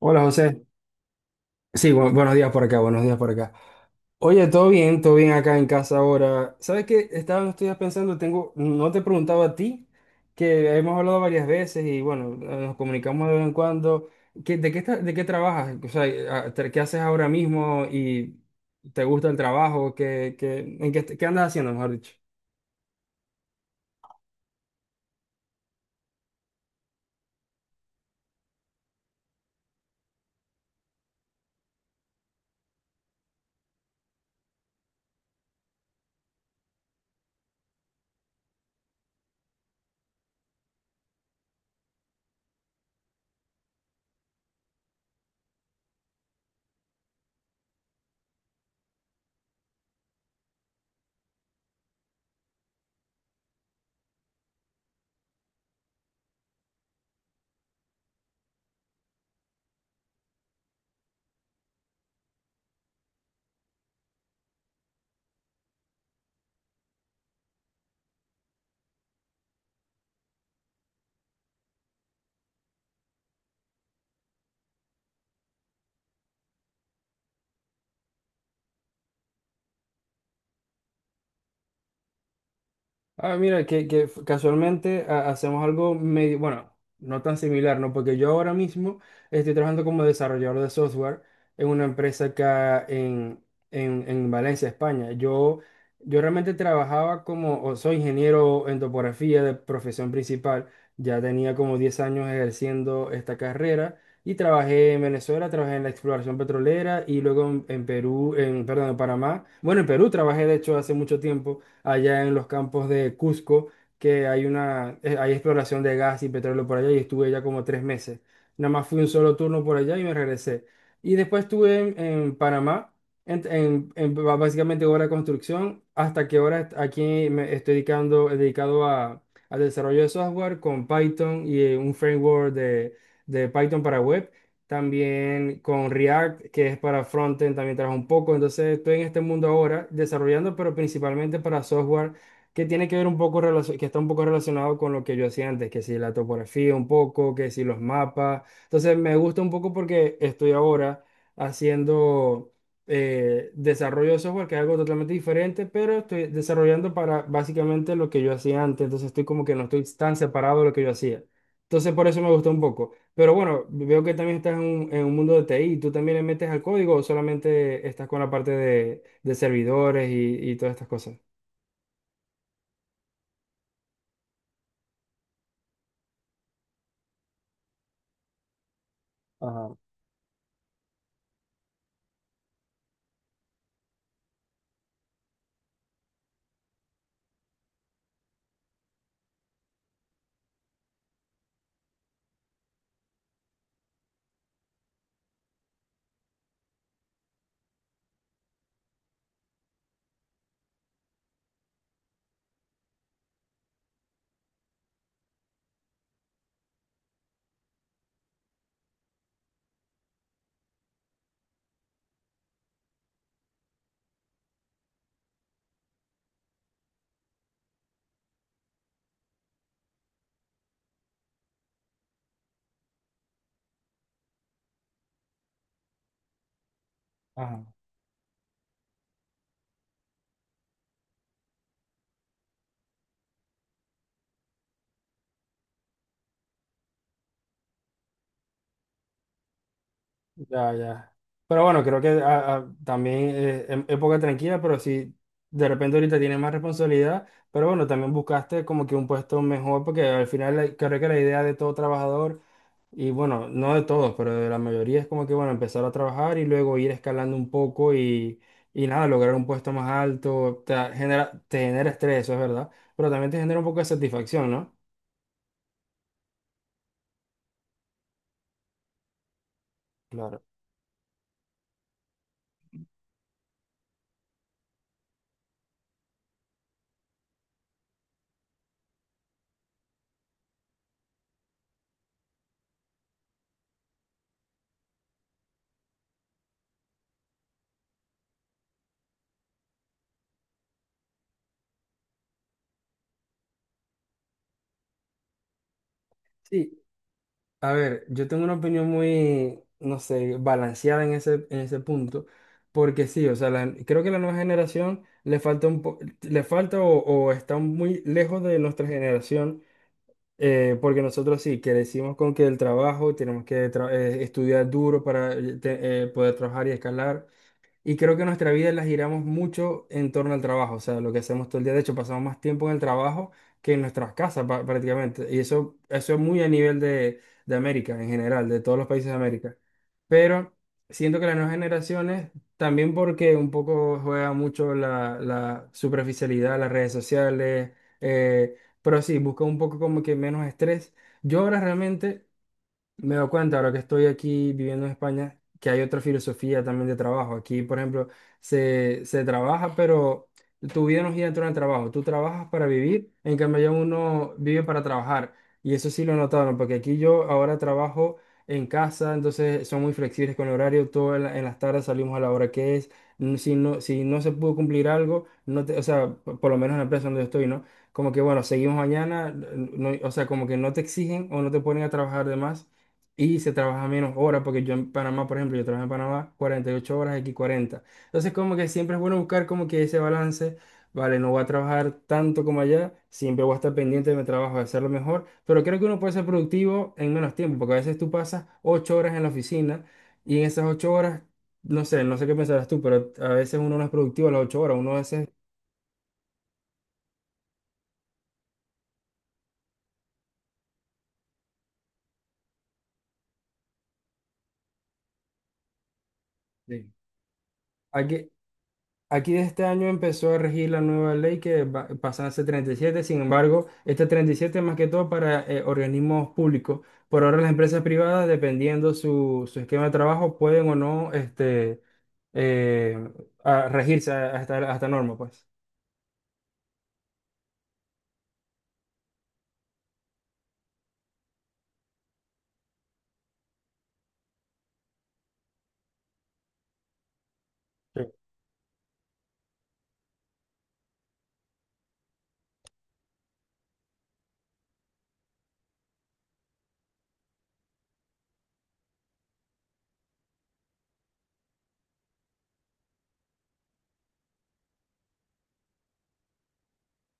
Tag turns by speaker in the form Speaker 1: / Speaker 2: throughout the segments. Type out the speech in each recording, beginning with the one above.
Speaker 1: Hola José. Sí, buenos días por acá, buenos días por acá. Oye, todo bien acá en casa ahora. ¿Sabes qué? Estaba, no estoy pensando, tengo, no te he preguntado a ti, que hemos hablado varias veces y bueno, nos comunicamos de vez en cuando. ¿De qué trabajas? O sea, ¿qué haces ahora mismo y te gusta el trabajo? ¿En qué andas haciendo, mejor dicho? Ah, mira, casualmente hacemos algo medio, bueno, no tan similar, ¿no? Porque yo ahora mismo estoy trabajando como desarrollador de software en una empresa acá en, en Valencia, España. Yo realmente trabajaba como, o soy ingeniero en topografía de profesión principal. Ya tenía como 10 años ejerciendo esta carrera y trabajé en Venezuela, trabajé en la exploración petrolera y luego en Perú, en, perdón, en Panamá. Bueno, en Perú trabajé de hecho hace mucho tiempo allá en los campos de Cusco, que hay exploración de gas y petróleo por allá y estuve ya como 3 meses. Nada más fui un solo turno por allá y me regresé. Y después estuve en Panamá, básicamente obra de construcción, hasta que ahora aquí me estoy dedicando, dedicado a, al desarrollo de software con Python y un framework de Python para web. También con React, que es para frontend, también trabajo un poco. Entonces estoy en este mundo ahora desarrollando, pero principalmente para software que tiene que ver un poco, que está un poco relacionado con lo que yo hacía antes, que si la topografía un poco, que si los mapas. Entonces me gusta un poco porque estoy ahora haciendo desarrollo de software, que es algo totalmente diferente, pero estoy desarrollando para básicamente lo que yo hacía antes. Entonces estoy como que no estoy tan separado de lo que yo hacía. Entonces por eso me gustó un poco. Pero bueno, veo que también estás en un, mundo de TI. ¿Tú también le metes al código o solamente estás con la parte de servidores y todas estas cosas? Ajá, ajá, ya, ya. Pero bueno, creo que también época tranquila, pero sí, de repente ahorita tienes más responsabilidad, pero bueno, también buscaste como que un puesto mejor, porque al final creo que la idea de todo trabajador. Y bueno, no de todos, pero de la mayoría es como que, bueno, empezar a trabajar y luego ir escalando un poco y nada, lograr un puesto más alto, te genera estrés, eso es verdad, pero también te genera un poco de satisfacción, ¿no? Claro. Sí, a ver, yo tengo una opinión muy, no sé, balanceada en ese, punto, porque sí, o sea, creo que la nueva generación le falta o está muy lejos de nuestra generación. Porque nosotros sí, que decimos con que el trabajo, tenemos que estudiar duro para poder trabajar y escalar, y creo que nuestra vida la giramos mucho en torno al trabajo, o sea, lo que hacemos todo el día. De hecho, pasamos más tiempo en el trabajo que en nuestras casas prácticamente. Y eso es muy a nivel de América en general, de todos los países de América. Pero siento que las nuevas generaciones, también porque un poco juega mucho la superficialidad, las redes sociales, eh, pero sí, busca un poco como que menos estrés. Yo ahora realmente... Me doy cuenta ahora que estoy aquí viviendo en España que hay otra filosofía también de trabajo. Aquí, por ejemplo, se trabaja, pero tu vida no gira en torno al trabajo. Tú trabajas para vivir, en cambio allá uno vive para trabajar. Y eso sí lo notaron, porque aquí yo ahora trabajo en casa, entonces son muy flexibles con el horario. Todo en las tardes salimos a la hora que es. Si no, si no se pudo cumplir algo, no te-, o sea, por lo menos en la empresa donde yo estoy, ¿no? Como que bueno, seguimos mañana, no-, o sea, como que no te exigen o no te ponen a trabajar de más y se trabaja menos horas, porque yo en Panamá, por ejemplo, yo trabajo en Panamá 48 horas, aquí 40. Entonces, como que siempre es bueno buscar como que ese balance, vale, no voy a trabajar tanto como allá, siempre voy a estar pendiente de mi trabajo, de hacerlo mejor, pero creo que uno puede ser productivo en menos tiempo, porque a veces tú pasas 8 horas en la oficina y en esas 8 horas, no sé qué pensarás tú, pero a veces uno no es productivo a las 8 horas, uno a veces. Sí. Hay que, aquí de este año empezó a regir la nueva ley que pasa a ser 37. Sin embargo, este 37 es más que todo para organismos públicos. Por ahora las empresas privadas, dependiendo su esquema de trabajo, pueden o no eh, regirse a esta norma, pues. Sí.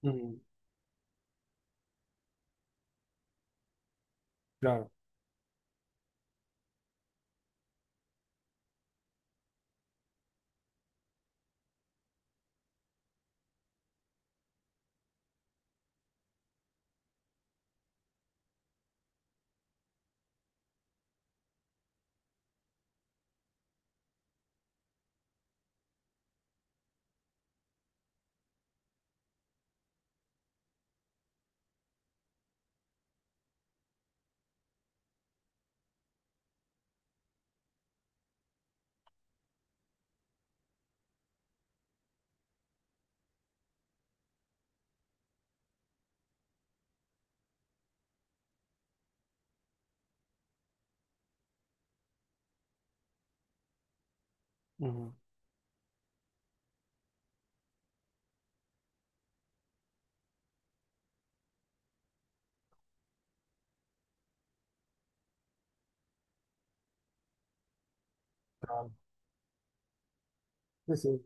Speaker 1: Ujú. Claro. Ujú. Claro. Sí, sí.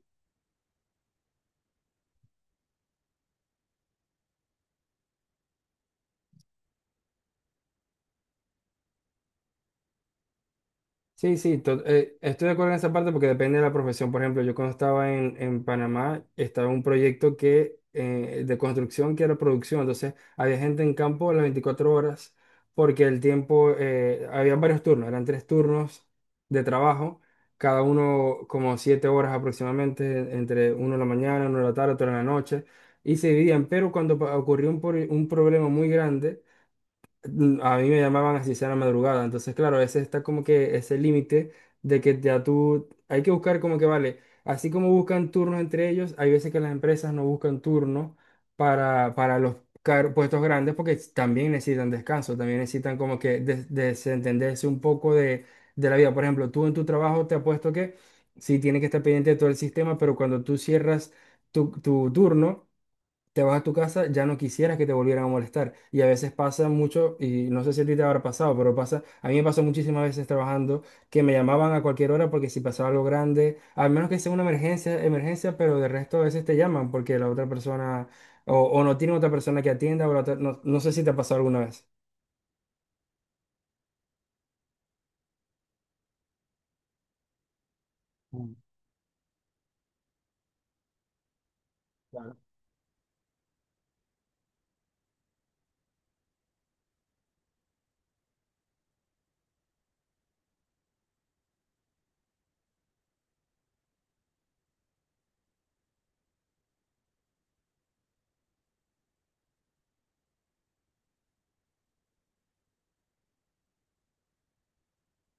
Speaker 1: Sí, sí, estoy de acuerdo en esa parte porque depende de la profesión. Por ejemplo, yo cuando estaba en Panamá, estaba un proyecto de construcción que era producción. Entonces, había gente en campo a las 24 horas porque el tiempo, había varios turnos, eran 3 turnos de trabajo, cada uno como 7 horas aproximadamente, entre uno de la mañana, uno de la tarde, otro de la noche, y se dividían. Pero cuando ocurrió un problema muy grande. A mí me llamaban así sea la madrugada. Entonces, claro, ese está como que ese límite de que ya tú, hay que buscar como que vale. Así como buscan turnos entre ellos, hay veces que las empresas no buscan turnos para los puestos grandes porque también necesitan descanso, también necesitan como que desentenderse un poco de la vida. Por ejemplo, tú en tu trabajo te apuesto que sí tienes que estar pendiente de todo el sistema, pero cuando tú cierras tu turno, te vas a tu casa, ya no quisieras que te volvieran a molestar. Y a veces pasa mucho, y no sé si a ti te habrá pasado, pero pasa, a mí me pasó muchísimas veces trabajando que me llamaban a cualquier hora porque si pasaba algo grande, al menos que sea una emergencia, emergencia, pero de resto a veces te llaman porque la otra persona, o no tiene otra persona que atienda, o no, no sé si te ha pasado alguna vez. Mm, claro,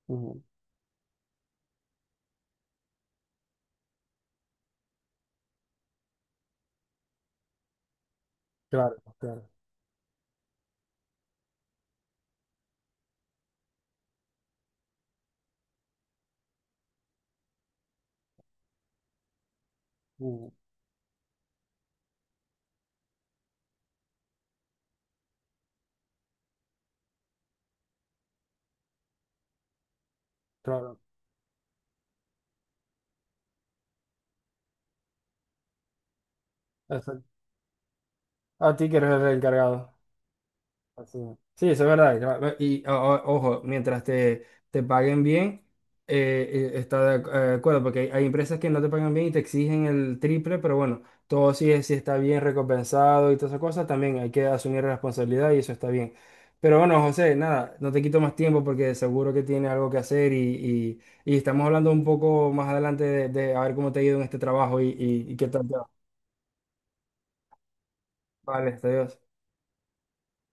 Speaker 1: mm, claro, claro, mm, claro. Exacto. A ti que eres el encargado. Así es. Sí, eso es verdad. Ya. Y ojo, mientras te paguen bien, está de acuerdo, porque hay empresas que no te pagan bien y te exigen el triple, pero bueno, todo sí, sí está bien recompensado y todas esas cosas, también hay que asumir responsabilidad y eso está bien. Pero bueno, José, nada, no te quito más tiempo porque seguro que tienes algo que hacer y estamos hablando un poco más adelante de a ver cómo te ha ido en este trabajo y qué tal te va. Vale, hasta adiós.